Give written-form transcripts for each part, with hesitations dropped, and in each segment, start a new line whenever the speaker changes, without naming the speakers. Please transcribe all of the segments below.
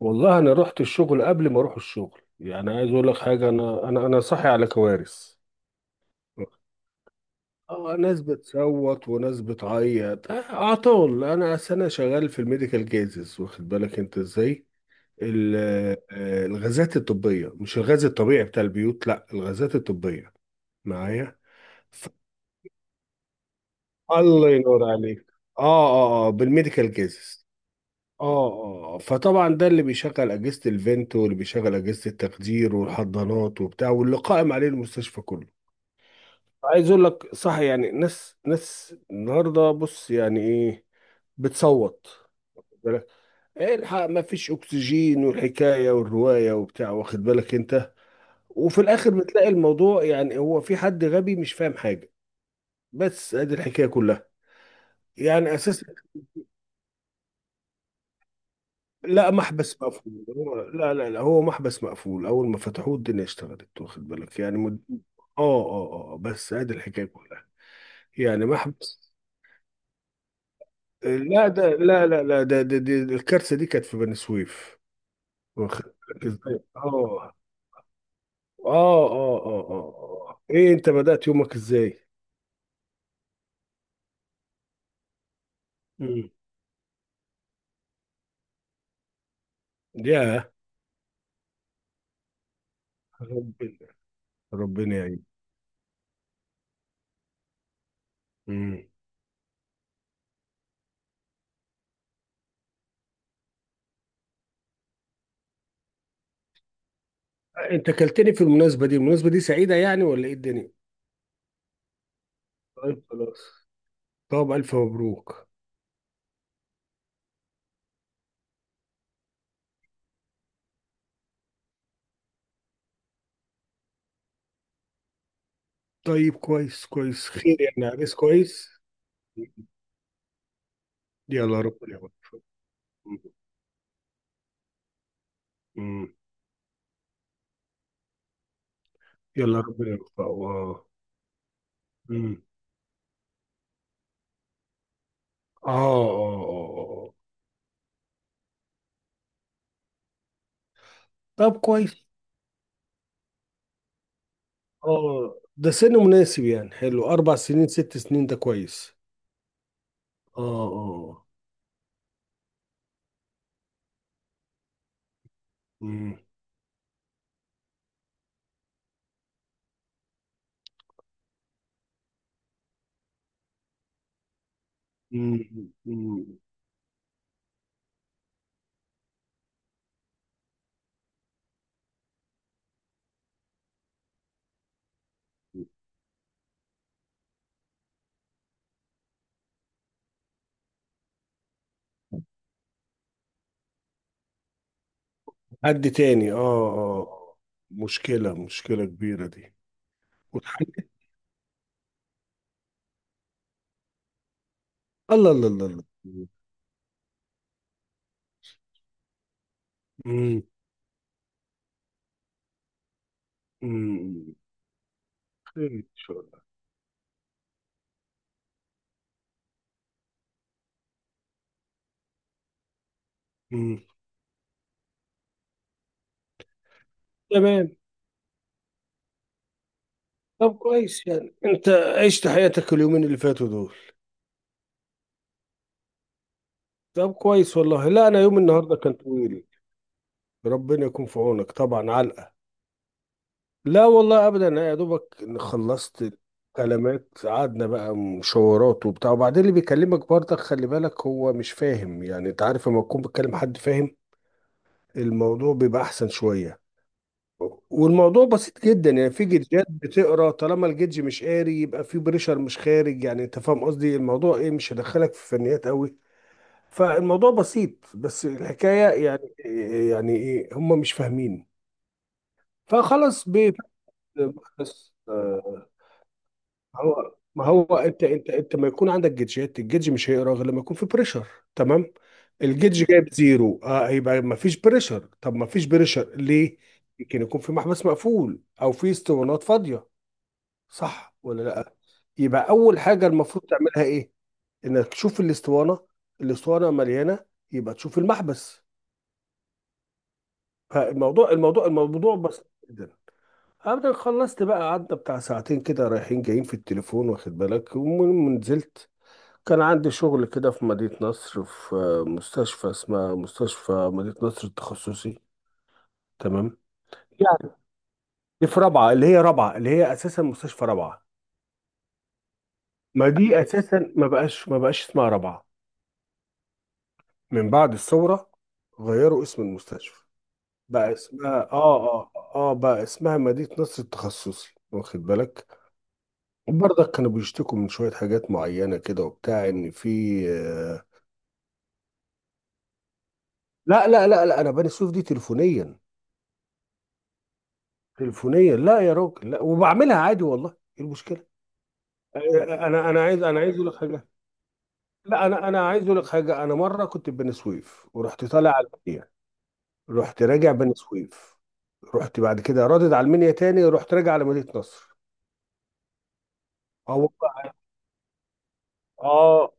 والله انا رحت الشغل قبل ما اروح الشغل، يعني عايز اقول لك حاجه. انا صاحي على كوارث. اه ناس بتصوت وناس بتعيط، اعطال. انا أصل انا شغال في الميديكال جازز، واخد بالك انت ازاي. ال- الغازات الطبيه، مش الغاز الطبيعي بتاع البيوت، لا، الغازات الطبيه معايا. ف- الله ينور عليك. اه اه بالميديكال جازز. اه اه فطبعا ده اللي بيشغل اجهزه الفنت، واللي بيشغل اجهزه التخدير والحضانات وبتاع، واللي قائم عليه المستشفى كله. عايز اقول لك، صح يعني، ناس النهارده، بص يعني ايه، بتصوت. واخد بالك، ايه الحق، ما فيش اكسجين، والحكايه والروايه وبتاع، واخد بالك انت. وفي الاخر بتلاقي الموضوع يعني هو في حد غبي مش فاهم حاجه، بس ادي الحكايه كلها. يعني اساس، لا، محبس مقفول. هو لا لا لا، هو محبس مقفول. اول ما فتحوه الدنيا اشتغلت، واخد بالك يعني. بس ادي الحكايه كلها. يعني محبس. لا ده، لا لا لا، ده الكارثه دي كانت في بني سويف. واخد بالك ازاي. اه اه اه اه ايه، انت بدأت يومك ازاي؟ امم يا ربنا. ربنا يعين. امم انت كلتني في المناسبه دي، المناسبه دي سعيده يعني ولا ايه الدنيا؟ طيب، خلاص. طب الف مبروك. طيب كويس، كويس خير، يعني عريس كويس. يلا ربنا يوفقك. أمم. يلا ربنا يوفقه. اه. أمم. اه اه اه آه. طب كويس. اه، ده سن مناسب يعني، حلو. اربع سنين، ست سنين، ده كويس. اه اه. أمم. أمم. أمم. حد تاني، مشكلة، مشكلة كبيرة دي. والحاج- الله الله الله. الله. أمم. أمم. خير ان شاء الله. أمم. تمام. طب كويس، يعني انت عشت حياتك اليومين اللي فاتوا دول. طب كويس. والله لا، انا يوم النهارده كان طويل. ربنا يكون في عونك. طبعا علقه. لا والله ابدا، انا يا دوبك إن خلصت كلمات. قعدنا بقى مشاورات وبتاع، وبعدين اللي بيكلمك برضك خلي بالك هو مش فاهم، يعني انت عارف لما تكون بتكلم حد فاهم الموضوع بيبقى احسن شويه. والموضوع بسيط جدا، يعني في جدجات بتقرا. طالما الجدج مش قاري، يبقى في بريشر مش خارج. يعني انت فاهم قصدي، الموضوع ايه، مش هيدخلك في فنيات قوي. فالموضوع بسيط، بس الحكاية يعني، يعني ايه هم مش فاهمين. فخلاص بي- بس هو، ما هو انت، انت ما يكون عندك جيتشات. الجيتش مش هيقرا غير لما يكون في بريشر. تمام. الجيتش جايب زيرو، اه، يبقى ما فيش بريشر. طب ما فيش بريشر ليه؟ يمكن يكون في محبس مقفول او في اسطوانات فاضية. صح ولا لا؟ يبقى اول حاجة المفروض تعملها ايه؟ انك تشوف الاسطوانة. الاسطوانة مليانة، يبقى تشوف المحبس. فالموضوع الموضوع بسيط جدا. ابدا، خلصت بقى، قعدنا بتاع ساعتين كده رايحين جايين في التليفون، واخد بالك. المهم نزلت، كان عندي شغل كده في مدينة نصر، في مستشفى، اسمها مستشفى مدينة نصر التخصصي. تمام. يعني دي في رابعة، اللي هي رابعة، اللي هي اساسا مستشفى رابعة. ما دي اساسا ما بقاش اسمها رابعة. من بعد الثورة غيروا اسم المستشفى. بقى اسمها بقى اسمها مدينة نصر التخصصي، واخد بالك. برضك كانوا بيشتكوا من شوية حاجات معينة كده وبتاع إن في، آه، لا لا لا لا، أنا بني سويف دي تليفونيا. تليفونيا، لا يا راجل، لا، وبعملها عادي، والله إيه المشكلة. آه، أنا أنا عايز، أنا عايز أقول لك حاجة. لا، أنا عايز أقول لك حاجة. أنا مرة كنت في بني سويف ورحت طالع على المنيا. رحت راجع بني سويف، رحت بعد كده رادد على المنيا تاني، رحت راجع على مدينة نصر. اه والله. اه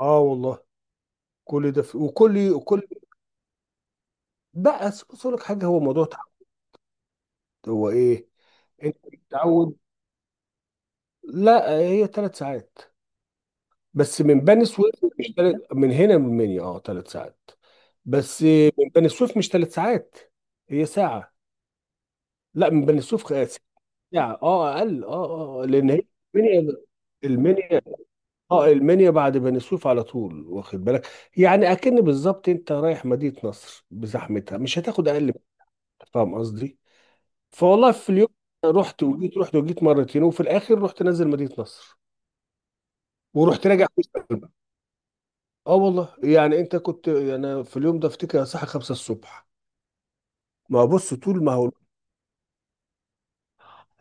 اه والله. كل ده في، وكل وكل. بقى أصل بص أقول لك حاجة، هو موضوع تعود. هو إيه، انت بتتعود. لا، هي ثلاث ساعات بس من بني سويف. مش تلت، من هنا من منيا، اه، ثلاث ساعات بس. من بني سويف مش ثلاث ساعات، هي ساعة. لا، من بني سويف ساعة، اه، اقل. لان هي منيا، المنيا، اه، المنيا بعد بني سويف على طول، واخد بالك. يعني اكن بالظبط انت رايح مدينة نصر بزحمتها، مش هتاخد اقل من كده. فاهم قصدي. فوالله في اليوم، رحت وجيت، رحت وجيت مرتين، وفي الاخر رحت نازل مدينة نصر ورحت راجع. اه والله. يعني انت كنت، انا في اليوم ده افتكر الساعه 5 الصبح. ما هو بص، طول ما هو،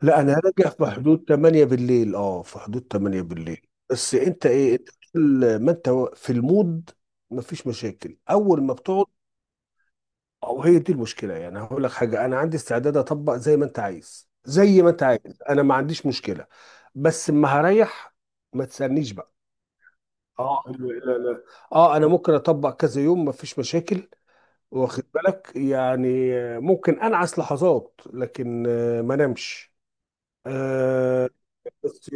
لا انا راجع في حدود 8 بالليل، اه، في حدود 8 بالليل. بس انت ايه، انت كل ما انت في المود مفيش مشاكل اول ما بتقعد. او هي دي المشكله، يعني هقول لك حاجه، انا عندي استعداد اطبق زي ما انت عايز، زي ما انت عايز. انا ما عنديش مشكله. بس اما هريح، ما تسالنيش بقى. اه لا لا لا. اه، انا ممكن اطبق كذا يوم مفيش مشاكل، واخد بالك يعني. ممكن انعس لحظات لكن ما نمش. آه. بس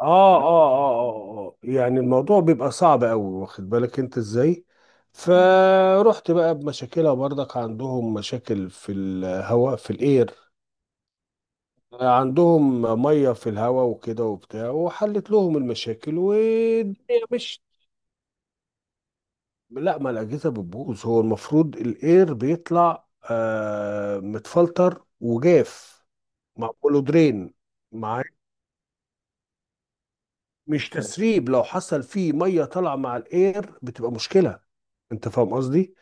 يعني الموضوع بيبقى صعب قوي، واخد بالك انت ازاي. فرحت بقى بمشاكلها. برضك عندهم مشاكل في الهواء، في الاير. عندهم ميه في الهواء وكده وبتاع، وحلت لهم المشاكل والدنيا مشيت. لا، ما الأجهزة بتبوظ. هو المفروض الاير بيطلع آه متفلتر وجاف، معموله درين. مع، مش تسريب، لو حصل فيه مية طالعة مع الاير بتبقى مشكلة. انت فاهم قصدي،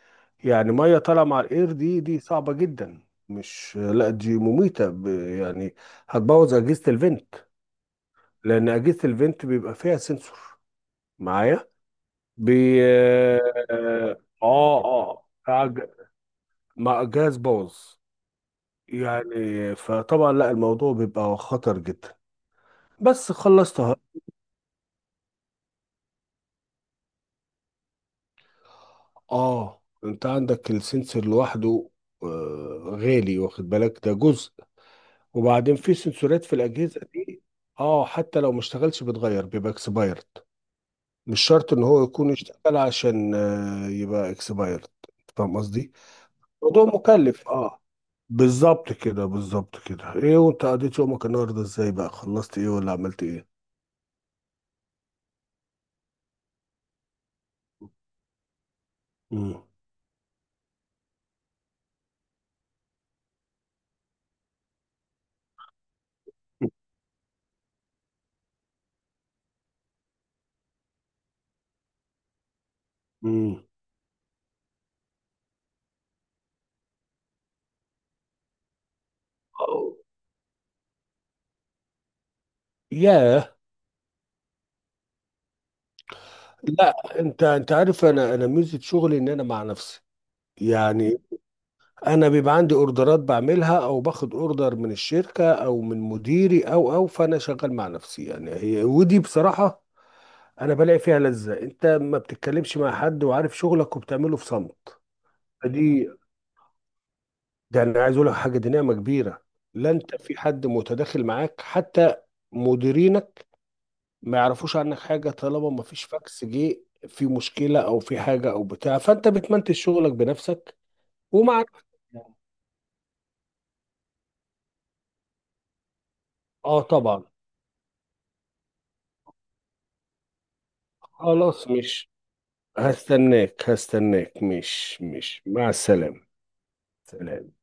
يعني مية طالعة مع الاير دي، دي صعبة جدا. مش لا دي مميتة. يعني هتبوظ أجهزة الفنت. لأن أجهزة الفنت بيبقى فيها سنسور معايا. بي اه اه آه، عج- مع جهاز بوظ. يعني فطبعا، لا الموضوع بيبقى خطر جدا. بس خلصتها. اه، انت عندك السنسور لوحده آه غالي، واخد بالك، ده جزء. وبعدين في سنسورات في الاجهزه دي. اه، حتى لو ما اشتغلش بتغير، بيبقى اكسبايرد. مش شرط ان هو يكون اشتغل عشان يبقى اكسبايرد. فاهم قصدي. موضوع مكلف، اه. بالظبط كده، بالظبط كده. ايه، وانت قضيت يومك النهارده ازاي بقى، خلصت ايه ولا عملت ايه. امم. امم. ياه. لا، انت انت عارف، انا ميزه شغلي ان انا مع نفسي، يعني. انا بيبقى عندي اوردرات بعملها، او باخد اوردر من الشركه او من مديري، او فانا شغال مع نفسي يعني، هي، ودي بصراحه انا بلاقي فيها لذه. انت ما بتتكلمش مع حد، وعارف شغلك وبتعمله في صمت. دي، ده انا عايز اقول لك حاجه، دي نعمه كبيره. لا، انت في حد متداخل معاك حتى. مديرينك ما يعرفوش عنك حاجة طالما ما فيش فاكس جه، في مشكلة أو في حاجة أو بتاع. فأنت بتمنتج شغلك بنفسك. ومع، آه طبعا. خلاص، مش، هستناك، هستناك، مش، مش، مع السلامة. سلام.